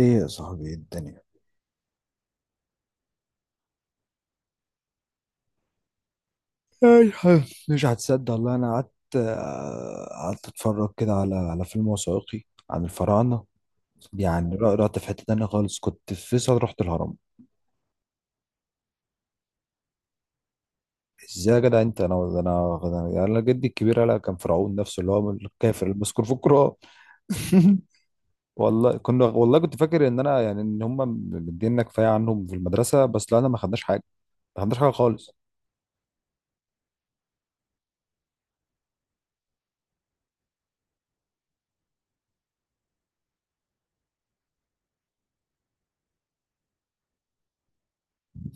ايه يا صاحبي، إيه الدنيا؟ اي حاجة. مش هتصدق والله، انا قعدت قعدت اتفرج كده على فيلم وثائقي عن الفراعنه. يعني رحت في حته تانية خالص، كنت في فيصل رحت الهرم. ازاي يا جدع انت؟ انا يعني، أنا جدي الكبير قال كان فرعون نفسه اللي هو من الكافر المذكور في القران. والله كنا والله كنت فاكر ان انا يعني ان هم مدينا كفايه عنهم في المدرسه، بس لا، انا ما خدناش حاجه، ما خدناش حاجه خالص.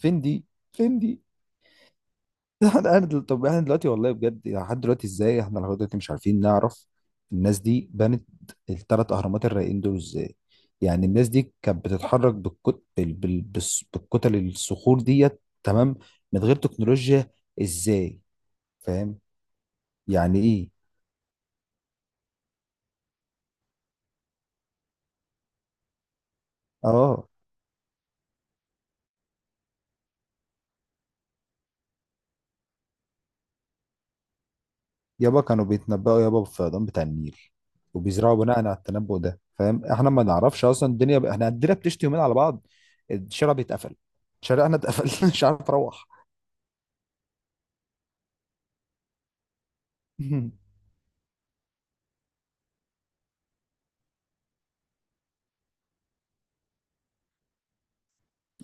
فين دي؟ فين دي؟ طب احنا دلوقتي والله بجد، يعني لحد دلوقتي ازاي احنا لحد دلوقتي مش عارفين نعرف الناس دي بنت الثلاث اهرامات الرايقين دول ازاي؟ يعني الناس دي كانت بتتحرك بالكتل الصخور ديت، تمام، من غير تكنولوجيا. ازاي؟ فاهم؟ يعني ايه؟ اه. يابا كانوا بيتنبأوا يابا بالفيضان بتاع النيل، وبيزرعوا بناء على التنبؤ ده. فاهم؟ احنا ما نعرفش اصلا الدنيا ب... احنا الدنيا بتشتي يومين على بعض الشارع بيتقفل. شارعنا اتقفل، مش عارف اروح.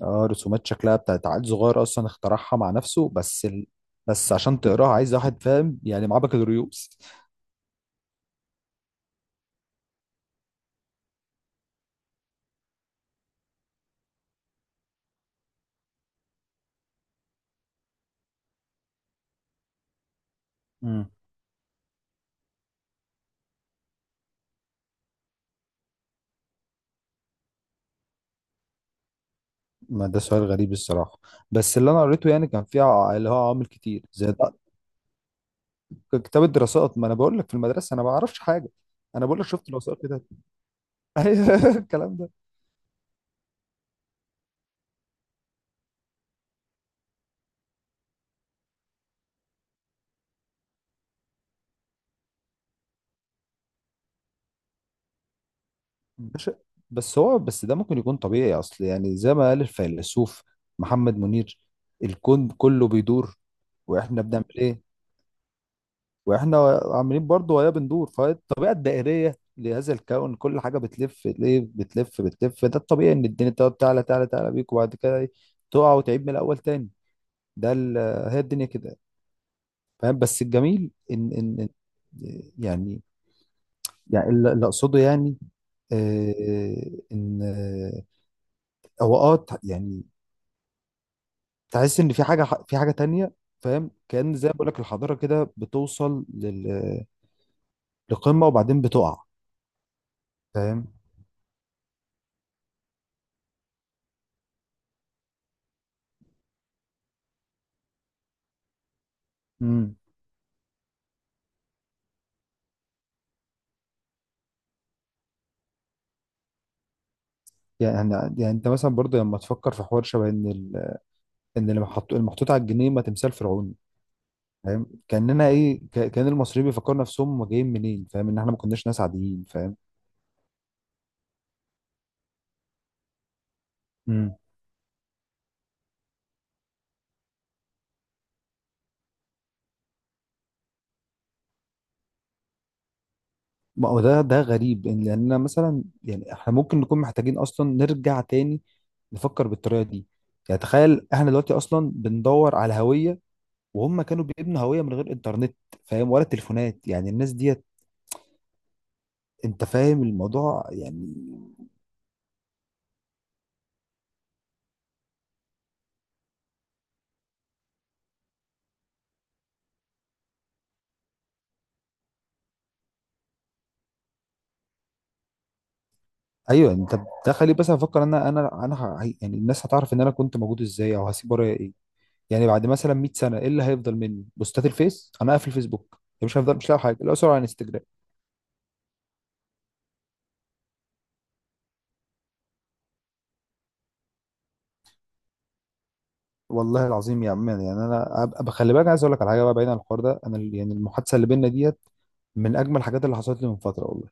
اه، رسومات شكلها بتاعت عيل صغير اصلا اخترعها مع نفسه، بس عشان تقراها عايز واحد فاهم يعني معاه بكالوريوس. امم. ما ده سؤال غريب الصراحه، بس اللي انا قريته يعني كان فيه اللي هو عوامل كتير زي ده. كتاب الدراسات، ما انا بقول لك في المدرسه انا ما اعرفش حاجه، انا بقول لك شفت الوثائقي كده. ايوه الكلام ده. باشا، بس ده ممكن يكون طبيعي، اصل يعني زي ما قال الفيلسوف محمد منير، الكون كله بيدور. واحنا بنعمل ايه؟ واحنا عاملين برضو وهي بندور، فالطبيعه الدائريه لهذا الكون كل حاجه بتلف، ليه بتلف بتلف؟ ده الطبيعي، ان الدنيا تقعد تعلى تعلى تعلى بيك وبعد كده إيه، تقع وتعيد من الاول تاني. ده ال- هي الدنيا كده. فاهم؟ بس الجميل يعني، يعني اللي اقصده يعني ان هو يعني تحس ان في حاجه، في حاجه تانية. فاهم؟ كان زي ما بقول لك، الحضاره كده بتوصل لقمه وبعدين بتقع. فاهم؟ مم. يعني يعني انت مثلا برضه لما تفكر في حوار شبه ان اللي محطوط المحطوط على الجنيه ما تمثال فرعوني. فاهم؟ كاننا ايه، كان المصريين بيفكروا نفسهم هم جايين منين. فاهم ان احنا ما كناش ناس عاديين؟ فاهم؟ امم. ما هو ده، ده غريب لاننا مثلا يعني احنا ممكن نكون محتاجين اصلا نرجع تاني نفكر بالطريقه دي. يعني تخيل احنا دلوقتي اصلا بندور على هويه، وهم كانوا بيبنوا هويه من غير انترنت، فاهم؟ ولا تليفونات، يعني الناس ديت، انت فاهم الموضوع يعني. ايوه. انت بتخلي بس افكر ان يعني الناس هتعرف ان انا كنت موجود ازاي، او هسيب ورايا ايه. يعني بعد مثلا 100 سنه ايه اللي هيفضل مني؟ بوستات الفيس؟ انا قافل فيسبوك، يعني مش هفضل، مش لاقي حاجه، الاقي صوره على انستجرام. والله العظيم يا عم، يعني انا خلي بالك، عايز اقول لك على حاجه بقى بعيد عن الحوار ده، انا يعني المحادثه اللي بينا ديت من اجمل الحاجات اللي حصلت لي من فتره، والله.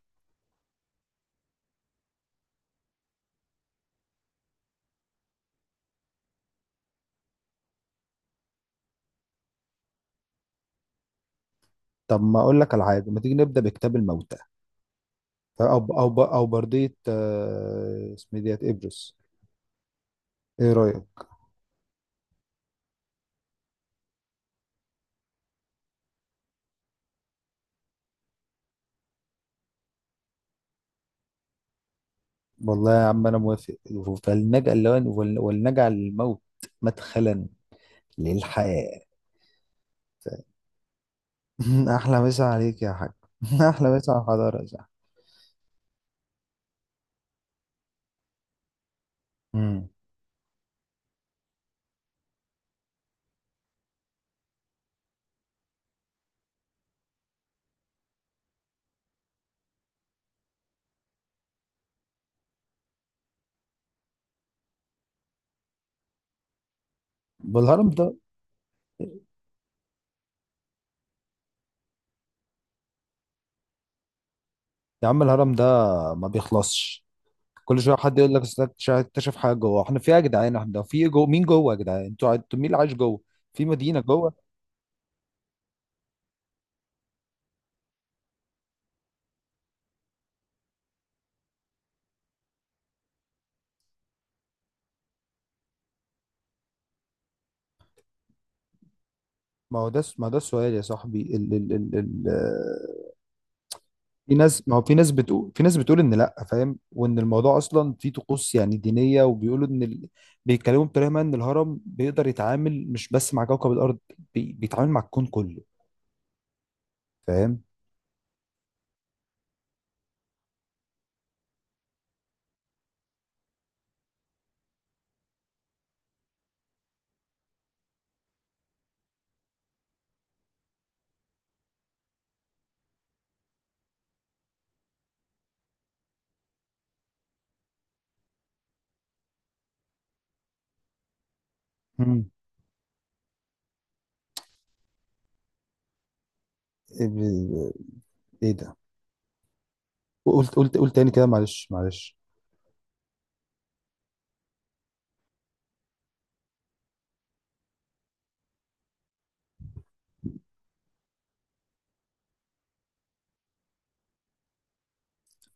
طب ما اقول لك على حاجه، ما تيجي نبدا بكتاب الموتى؟ او او برديه، اسمه إيه ديت ابرس؟ ايه رايك؟ والله يا عم انا موافق. ولنجعل الموت مدخلا للحياة. احلى مسا عليك يا حاج. احلى مسا على الحضارة يا صاحبي. مم. والهرم ده، يا عم الهرم ده ما بيخلصش، كل شويه حد يقول لك أصل اكتشف اكتشف حاجه جوه. احنا في ايه يا جدعان؟ احنا في إيه جوه؟ مين جوه يا جدعان؟ انتوا مين اللي عايش جوه في مدينه جوه؟ ما هو ده، ما ده السؤال يا صاحبي. ال في ناس، ما هو في ناس بتقول، في ناس بتقول ان لا، فاهم، وان الموضوع اصلا فيه طقوس يعني دينيه، وبيقولوا بيتكلموا بطريقه ما ان الهرم بيقدر يتعامل مش بس مع كوكب الارض، بيتعامل مع الكون كله. فاهم؟ مم. ايه ب- إيه ده؟ قلت تاني كده، معلش معلش.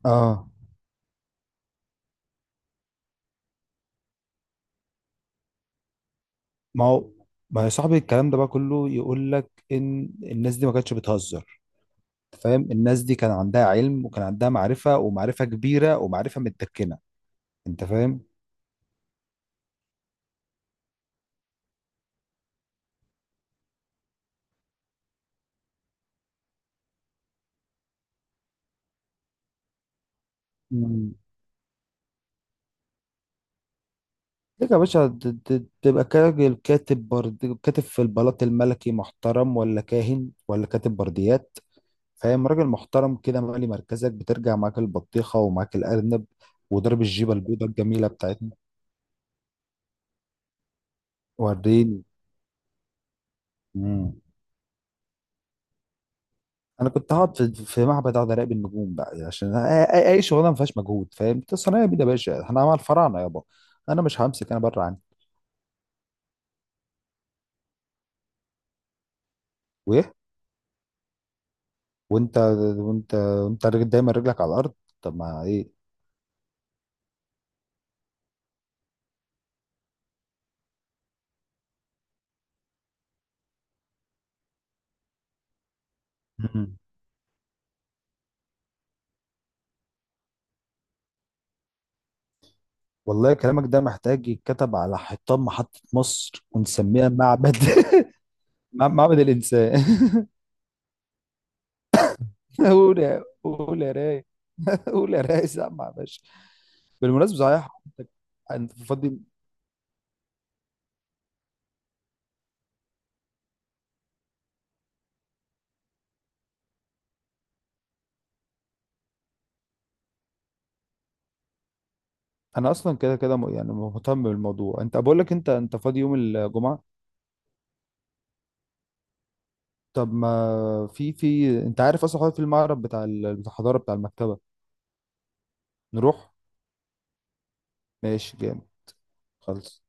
اه. ما هو ما هو يا صاحبي الكلام ده بقى كله يقول لك ان الناس دي ما كانتش بتهزر، فاهم؟ الناس دي كان عندها علم، وكان عندها معرفه، ومعرفه كبيره، ومعرفه متدكنه. انت فاهم؟ ليك يا باشا تبقى كراجل كاتب في البلاط الملكي محترم، ولا كاهن، ولا كاتب برديات، فاهم؟ راجل محترم كده مالي مركزك، بترجع معاك البطيخة ومعاك الأرنب وضرب الجيبة البيضة الجميلة بتاعتنا. وريني. مم. أنا كنت هقعد في معبد أقعد أراقب النجوم بقى، عشان أي شغلانة ما فيهاش مجهود. فاهم أنت؟ صنايعي بيه يا باشا، أنا مع الفراعنة يابا. أنا مش همسك، أنا بره عني. وإيه؟ وأنت؟ دايما رجلك على الأرض. طب ما إيه. والله كلامك ده محتاج يتكتب على حيطان محطة مصر، ونسميها معبد. معبد الإنسان. قول يا راي. قول يا راي، سامع يا باشا؟ بالمناسبة صحيح، انت، أنت فاضي؟ انا اصلا كده كده يعني مهتم بالموضوع، انت بقول لك، انت فاضي يوم الجمعة؟ طب ما في، انت عارف اصلا حوار في المعرض بتاع بتاع الحضارة بتاع المكتبة، نروح؟ ماشي جامد. خلص.